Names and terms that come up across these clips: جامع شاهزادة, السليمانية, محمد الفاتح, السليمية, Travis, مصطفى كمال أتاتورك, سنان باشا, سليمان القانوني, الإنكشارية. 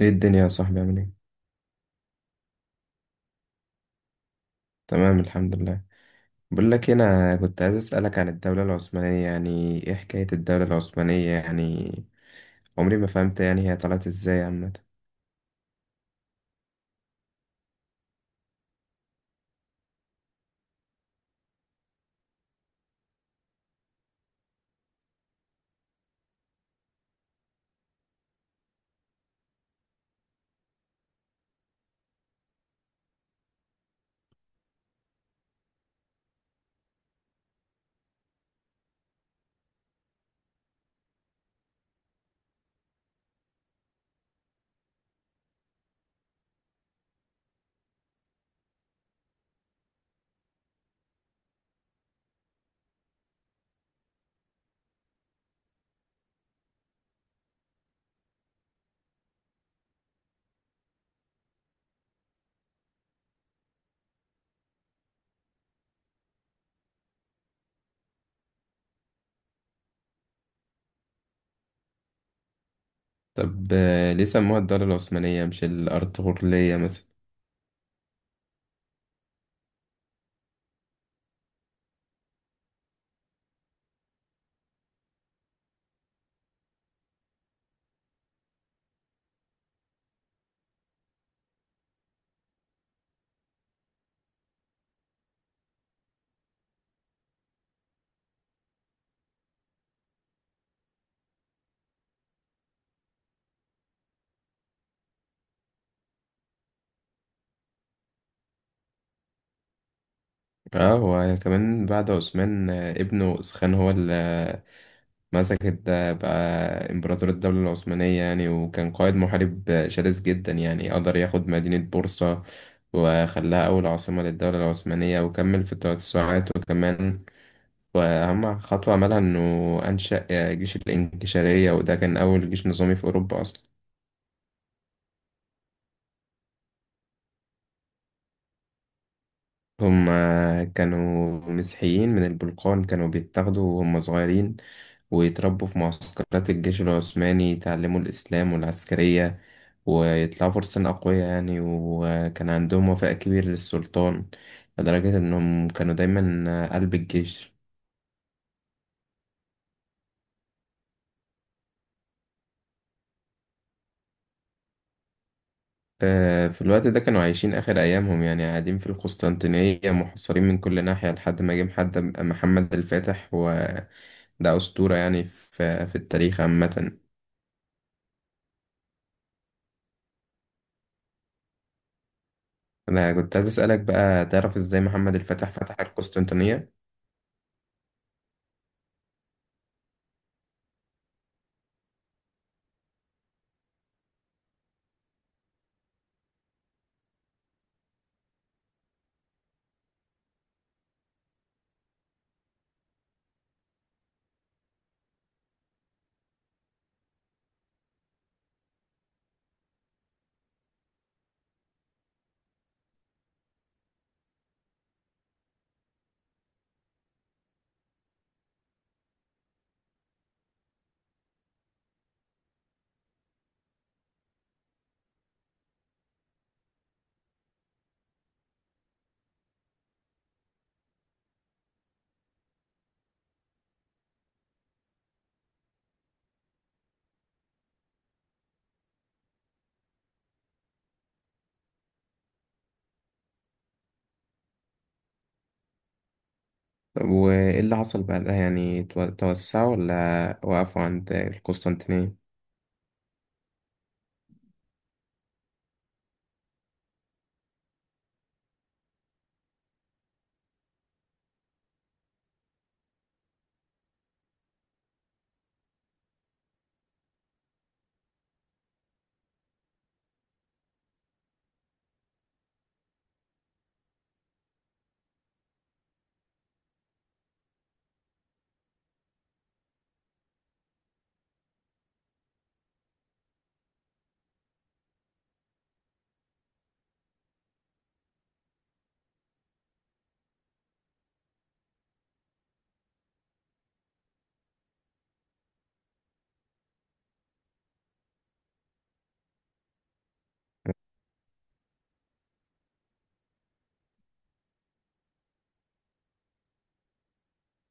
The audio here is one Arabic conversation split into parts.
ايه الدنيا يا صاحبي عامل ايه؟ تمام الحمد لله. بقول لك إيه، انا كنت عايز اسالك عن الدوله العثمانيه، يعني ايه حكايه الدوله العثمانيه يعني؟ عمري ما فهمت، يعني هي طلعت ازاي عامه؟ طب ليه سموها الدوله العثمانيه مش الارطغرليه مثلا؟ اه وكمان بعد عثمان، ابنه اسخان هو مسكت ده بقى إمبراطور الدولة العثمانية يعني، وكان قائد محارب شرس جدا، يعني قدر ياخد مدينة بورصة وخلاها أول عاصمة للدولة العثمانية، وكمل في التوسعات وكمان. وأهم خطوة عملها إنه أنشأ جيش الإنكشارية، وده كان أول جيش نظامي في أوروبا أصلا. هم كانوا مسيحيين من البلقان، كانوا بيتاخدوا وهم صغيرين ويتربوا في معسكرات الجيش العثماني، يتعلموا الإسلام والعسكرية ويطلعوا فرسان أقوياء يعني، وكان عندهم وفاء كبير للسلطان لدرجة إنهم كانوا دايما قلب الجيش. في الوقت ده كانوا عايشين آخر أيامهم، يعني قاعدين في القسطنطينية محاصرين من كل ناحية لحد ما جه محمد الفاتح، وده أسطورة يعني في التاريخ عامة. انا كنت عايز اسالك بقى، تعرف ازاي محمد الفاتح فتح القسطنطينيه؟ وايه اللي حصل بعدها، يعني توسعوا ولا وقفوا عند القسطنطينيه؟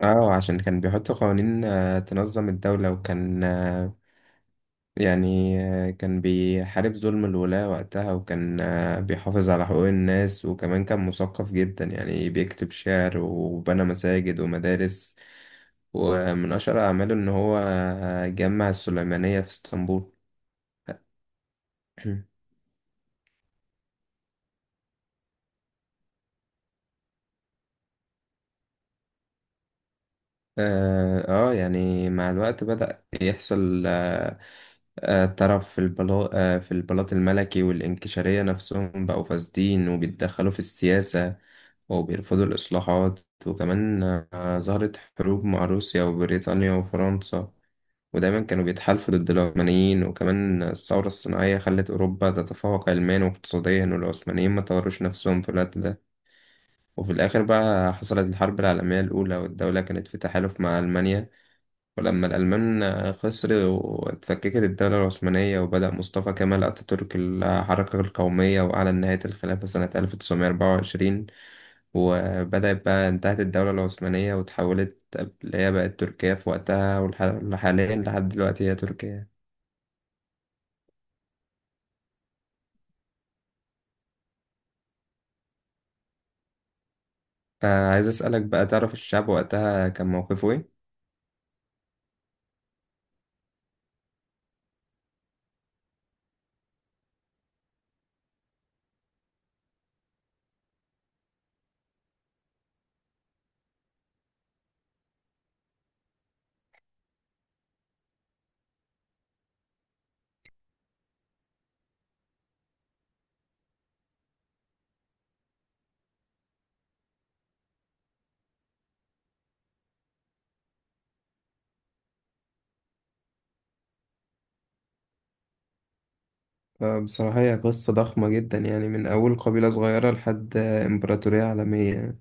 اه عشان كان بيحط قوانين تنظم الدوله، وكان كان بيحارب ظلم الولاة وقتها، وكان بيحافظ على حقوق الناس، وكمان كان مثقف جدا يعني، بيكتب شعر وبنى مساجد ومدارس. ومن أشهر أعماله إن هو جمع السليمانية في اسطنبول. اه يعني مع الوقت بدأ يحصل طرف في البلاط في البلاط الملكي، والإنكشارية نفسهم بقوا فاسدين وبيتدخلوا في السياسة وبيرفضوا الإصلاحات. وكمان ظهرت حروب مع روسيا وبريطانيا وفرنسا، ودايما كانوا بيتحالفوا ضد العثمانيين. وكمان الثورة الصناعية خلت أوروبا تتفوق علميا واقتصاديا، والعثمانيين ما طوروش نفسهم في الوقت ده. وفي الآخر بقى حصلت الحرب العالمية الأولى، والدولة كانت في تحالف مع ألمانيا، ولما الألمان خسر واتفككت الدولة العثمانية، وبدأ مصطفى كمال أتاتورك الحركة القومية، وأعلن نهاية الخلافة سنة 1924. وبدأت بقى انتهت الدولة العثمانية وتحولت، اللي هي بقت تركيا في وقتها، وحاليا لحد دلوقتي هي تركيا. فعايز أسألك بقى، تعرف الشعب وقتها كان موقفه إيه؟ بصراحة هي قصة ضخمة جدا، يعني من أول قبيلة صغيرة لحد إمبراطورية عالمية.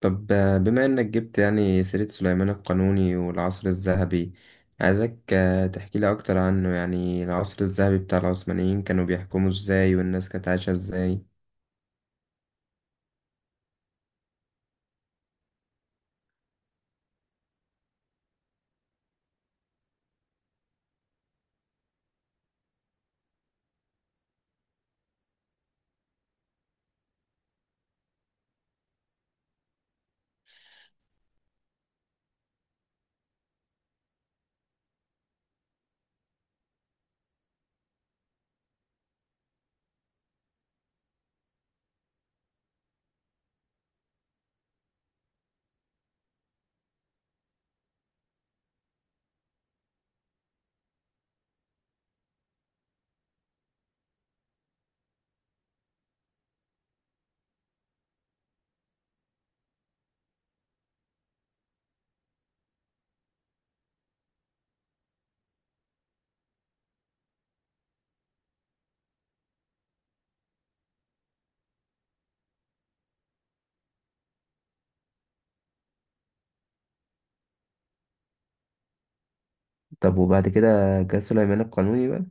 طب بما انك جبت يعني سيرة سليمان القانوني والعصر الذهبي، عايزك تحكي لي اكتر عنه، يعني العصر الذهبي بتاع العثمانيين كانوا بيحكموا ازاي والناس كانت عايشة ازاي؟ طب وبعد كده جه سليمان القانوني بقى.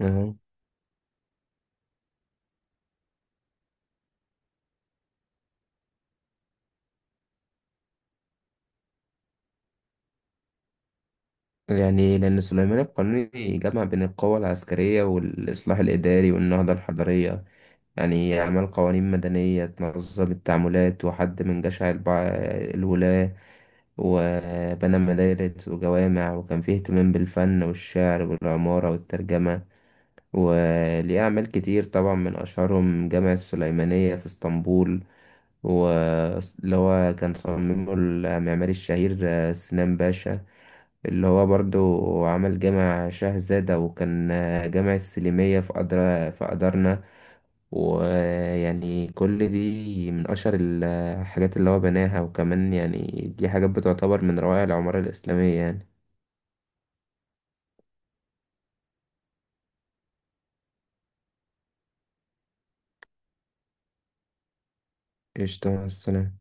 أهو. يعني لأن سليمان القانوني جمع بين القوة العسكرية والإصلاح الإداري والنهضة الحضارية، يعني عمل قوانين مدنية تنظم التعاملات، وحد من جشع الولاة، وبنى مدارس وجوامع، وكان فيه اهتمام بالفن والشعر والعمارة والترجمة. وليه أعمال كتير طبعا، من أشهرهم جامع السليمانية في اسطنبول، واللي هو كان صممه المعماري الشهير سنان باشا، اللي هو برضو عمل جامع شاهزادة، وكان جامع السليمية في أدرا في أدرنا. ويعني كل دي من أشهر الحاجات اللي هو بناها. وكمان يعني دي حاجات بتعتبر من روائع العمارة الإسلامية يعني. قشطة، مع السلامة.